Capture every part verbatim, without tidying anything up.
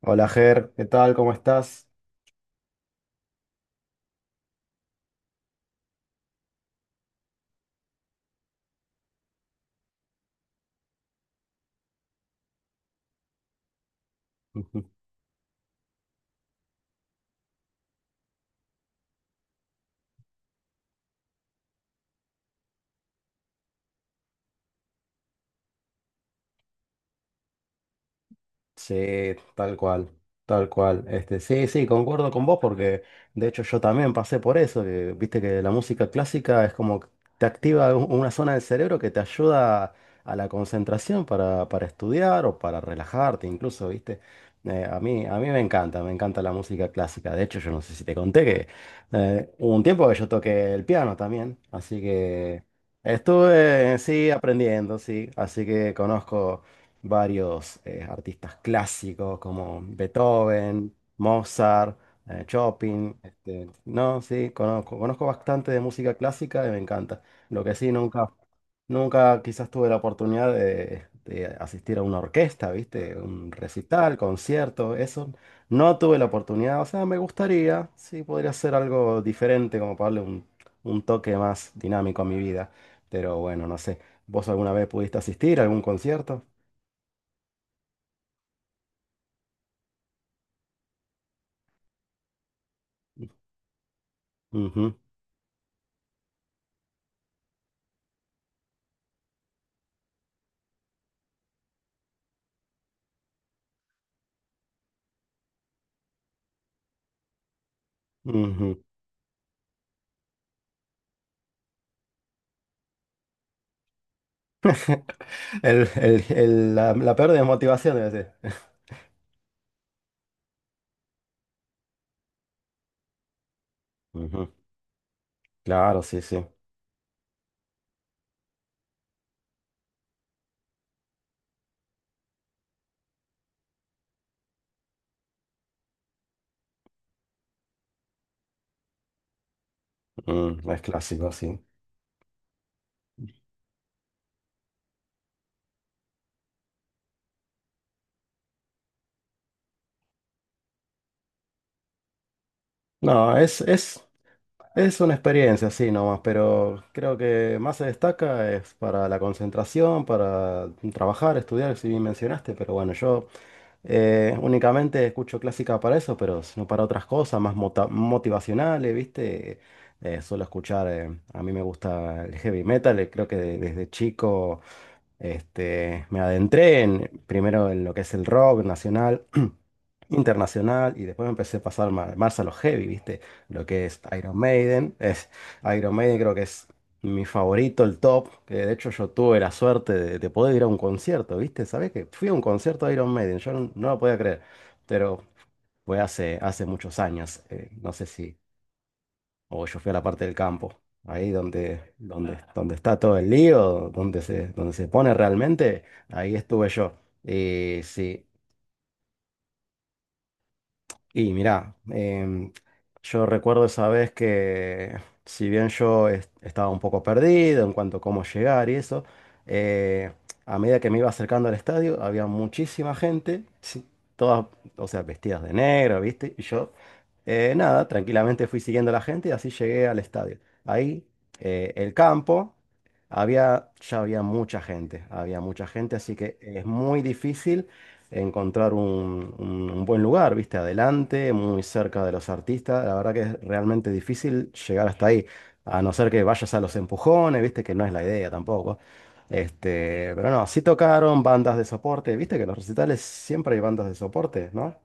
Hola Ger, ¿qué tal? ¿Cómo estás? Sí, tal cual, tal cual. Este, sí, sí, concuerdo con vos porque de hecho yo también pasé por eso, que viste que la música clásica es como que te activa u- una zona del cerebro que te ayuda a la concentración para, para estudiar o para relajarte incluso, viste. Eh, a mí, a mí me encanta, me encanta la música clásica. De hecho, yo no sé si te conté que eh, hubo un tiempo que yo toqué el piano también, así que estuve, sí, aprendiendo, sí, así que conozco varios eh, artistas clásicos como Beethoven, Mozart, eh, Chopin. este, no, sí, conozco, conozco bastante de música clásica y me encanta. Lo que sí, nunca, nunca quizás tuve la oportunidad de, de asistir a una orquesta, ¿viste? Un recital, concierto, eso. No tuve la oportunidad, o sea, me gustaría, sí, podría ser algo diferente, como para darle un, un toque más dinámico a mi vida. Pero bueno, no sé. ¿Vos alguna vez pudiste asistir a algún concierto? Ujú. Ujú. El- el- el- la, la peor desmotivación debe ser. Ujú. Claro, sí, sí. Mm, es clásico, sí. No, es, es, es una experiencia, sí, nomás, pero creo que más se destaca es para la concentración, para trabajar, estudiar, si bien mencionaste, pero bueno, yo eh, únicamente escucho clásica para eso, pero no para otras cosas, más mota- motivacionales, ¿viste? Eh, suelo escuchar, eh, a mí me gusta el heavy metal, eh, creo que de- desde chico... Este, me adentré en, primero en lo que es el rock nacional, internacional, y después me empecé a pasar ma- más, a los heavy, ¿viste? Lo que es Iron Maiden. Es, Iron Maiden creo que es mi favorito, el top, que de hecho yo tuve la suerte de, de poder ir a un concierto, ¿viste? ¿Sabés que fui a un concierto de Iron Maiden? Yo no, no lo podía creer, pero fue hace, hace muchos años. eh, no sé si o yo fui a la parte del campo, ahí donde, donde, donde está todo el lío, donde se, donde se pone realmente, ahí estuve yo. Y sí, y mirá, em, yo recuerdo esa vez que si bien yo es- estaba un poco perdido en cuanto a cómo llegar y eso, eh, a medida que me iba acercando al estadio había muchísima gente, sí, todas, o sea, vestidas de negro, ¿viste? Y yo, eh, nada, tranquilamente fui siguiendo a la gente y así llegué al estadio. Ahí, eh, el campo, había, ya había mucha gente, había mucha gente, así que es muy difícil encontrar un, un- un buen lugar, viste, adelante, muy cerca de los artistas. La verdad que es realmente difícil llegar hasta ahí, a no ser que vayas a los empujones, viste, que no es la idea tampoco. Este, pero no, sí tocaron bandas de soporte, viste que en los recitales siempre hay bandas de soporte, ¿no?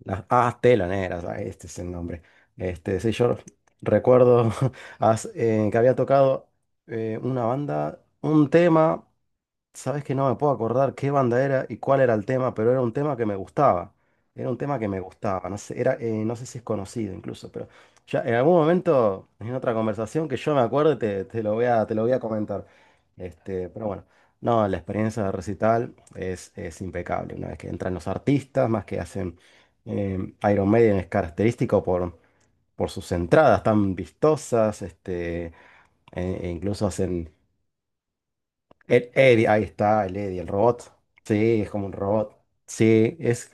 Las ah, teloneras, ah, este es el nombre. Este, sí, yo recuerdo as- eh, que había tocado eh, una banda, un tema. Sabes que no me puedo acordar qué banda era y cuál era el tema, pero era un tema que me gustaba. Era un tema que me gustaba. No sé, era, eh, no sé si es conocido incluso, pero ya en algún momento, en otra conversación que yo me acuerde, te, te lo voy a, te lo voy a comentar. Este, pero bueno, no, la experiencia de recital es, es impecable. Una vez que entran los artistas, más que hacen eh, Iron Maiden es característico por, por sus entradas tan vistosas, este, e e incluso hacen. El Eddie, ahí está, el Eddie, el robot. Sí, es como un robot. Sí, es.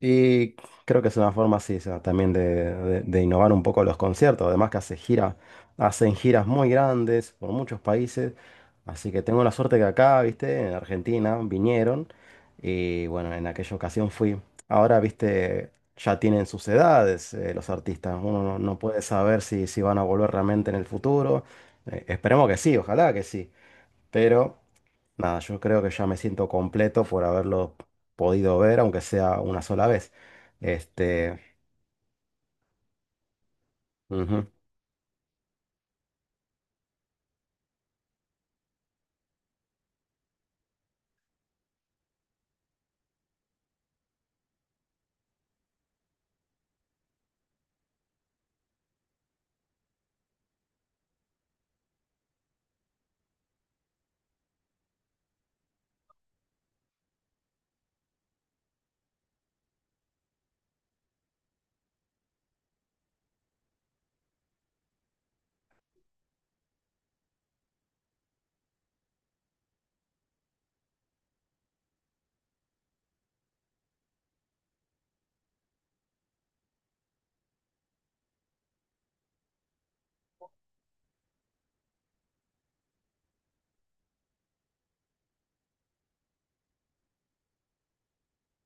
Y creo que es una forma, sí, esa también de, de- de innovar un poco los conciertos. Además que hace gira, hacen giras muy grandes por muchos países. Así que tengo la suerte que acá, viste, en Argentina, vinieron. Y bueno, en aquella ocasión fui. Ahora, viste, ya tienen sus edades, eh, los artistas. Uno no, no puede saber si, si van a volver realmente en el futuro. Eh, esperemos que sí, ojalá que sí. Pero nada, yo creo que ya me siento completo por haberlo podido ver, aunque sea una sola vez. Este, ujú,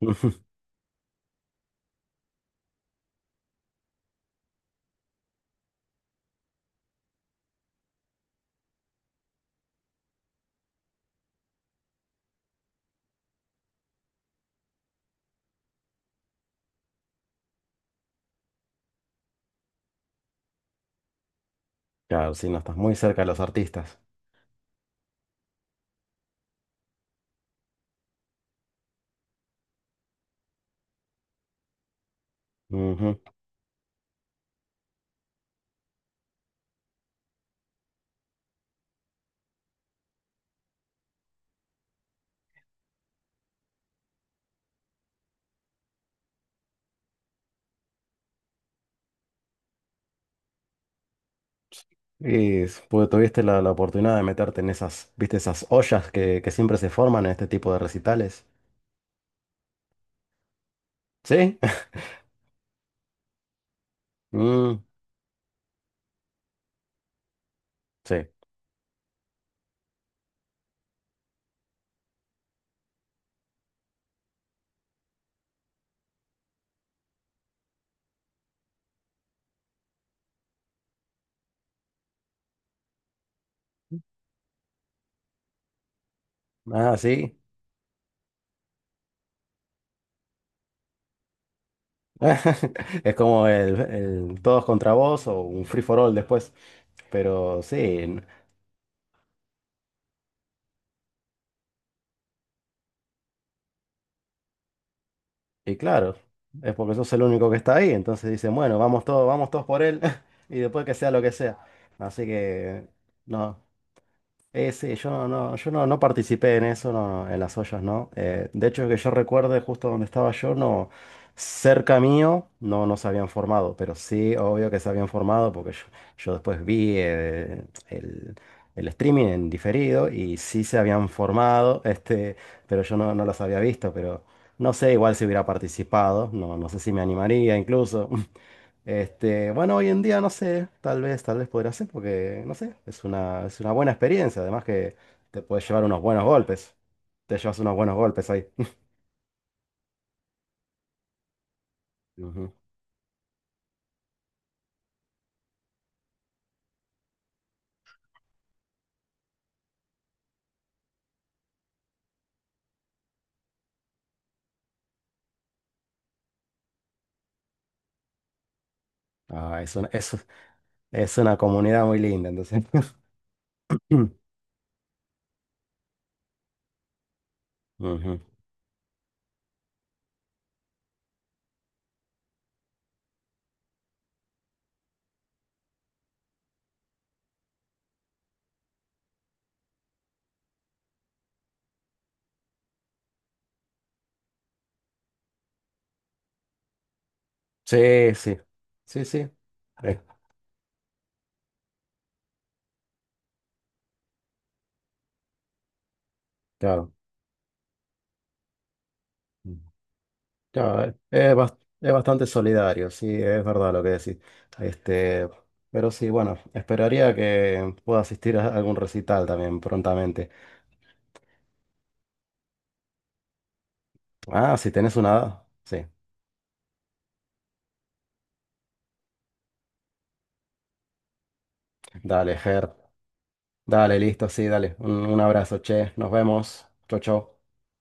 ujú. Claro, si no estás muy cerca de los artistas. Ujú. Y s- pues, tuviste la, la oportunidad de meterte en esas, viste, esas ollas que, que siempre se forman en este tipo de recitales. ¿Sí? Mm, sí. Ah, sí. Es como el, el todos contra vos o un free for all después. Pero sí, y claro, es porque sos el único que está ahí, entonces dicen, bueno, vamos todos, vamos todos por él, y después que sea lo que sea. Así que, no. Eh, sí, yo no, no, yo no, no participé en eso, no, no, en las ollas, ¿no? Eh, de hecho, que yo recuerde justo donde estaba yo, no, cerca mío, no, no se habían formado, pero sí, obvio que se habían formado, porque yo, yo después vi eh, el, el streaming en diferido y sí se habían formado, este, pero yo no, no los había visto, pero no sé, igual si hubiera participado, no, no sé si me animaría incluso. Este, bueno, hoy en día no sé, tal vez, tal vez podría ser, porque no sé, es una, es una buena experiencia. Además que te puedes llevar unos buenos golpes. Te llevas unos buenos golpes ahí. Ujú. Ah, es una, es, es una comunidad muy linda, entonces. Ujú. Sí, sí. Sí, sí. Eh, claro. Mm. Claro, eh, es, bas- es bastante solidario, sí, es verdad lo que decís. Este, pero sí, bueno, esperaría que pueda asistir a algún recital también prontamente. Ah, si tenés una edad. Sí. Dale, Ger. Dale, listo, sí, dale. Un, un abrazo, che. Nos vemos. Chau, chau.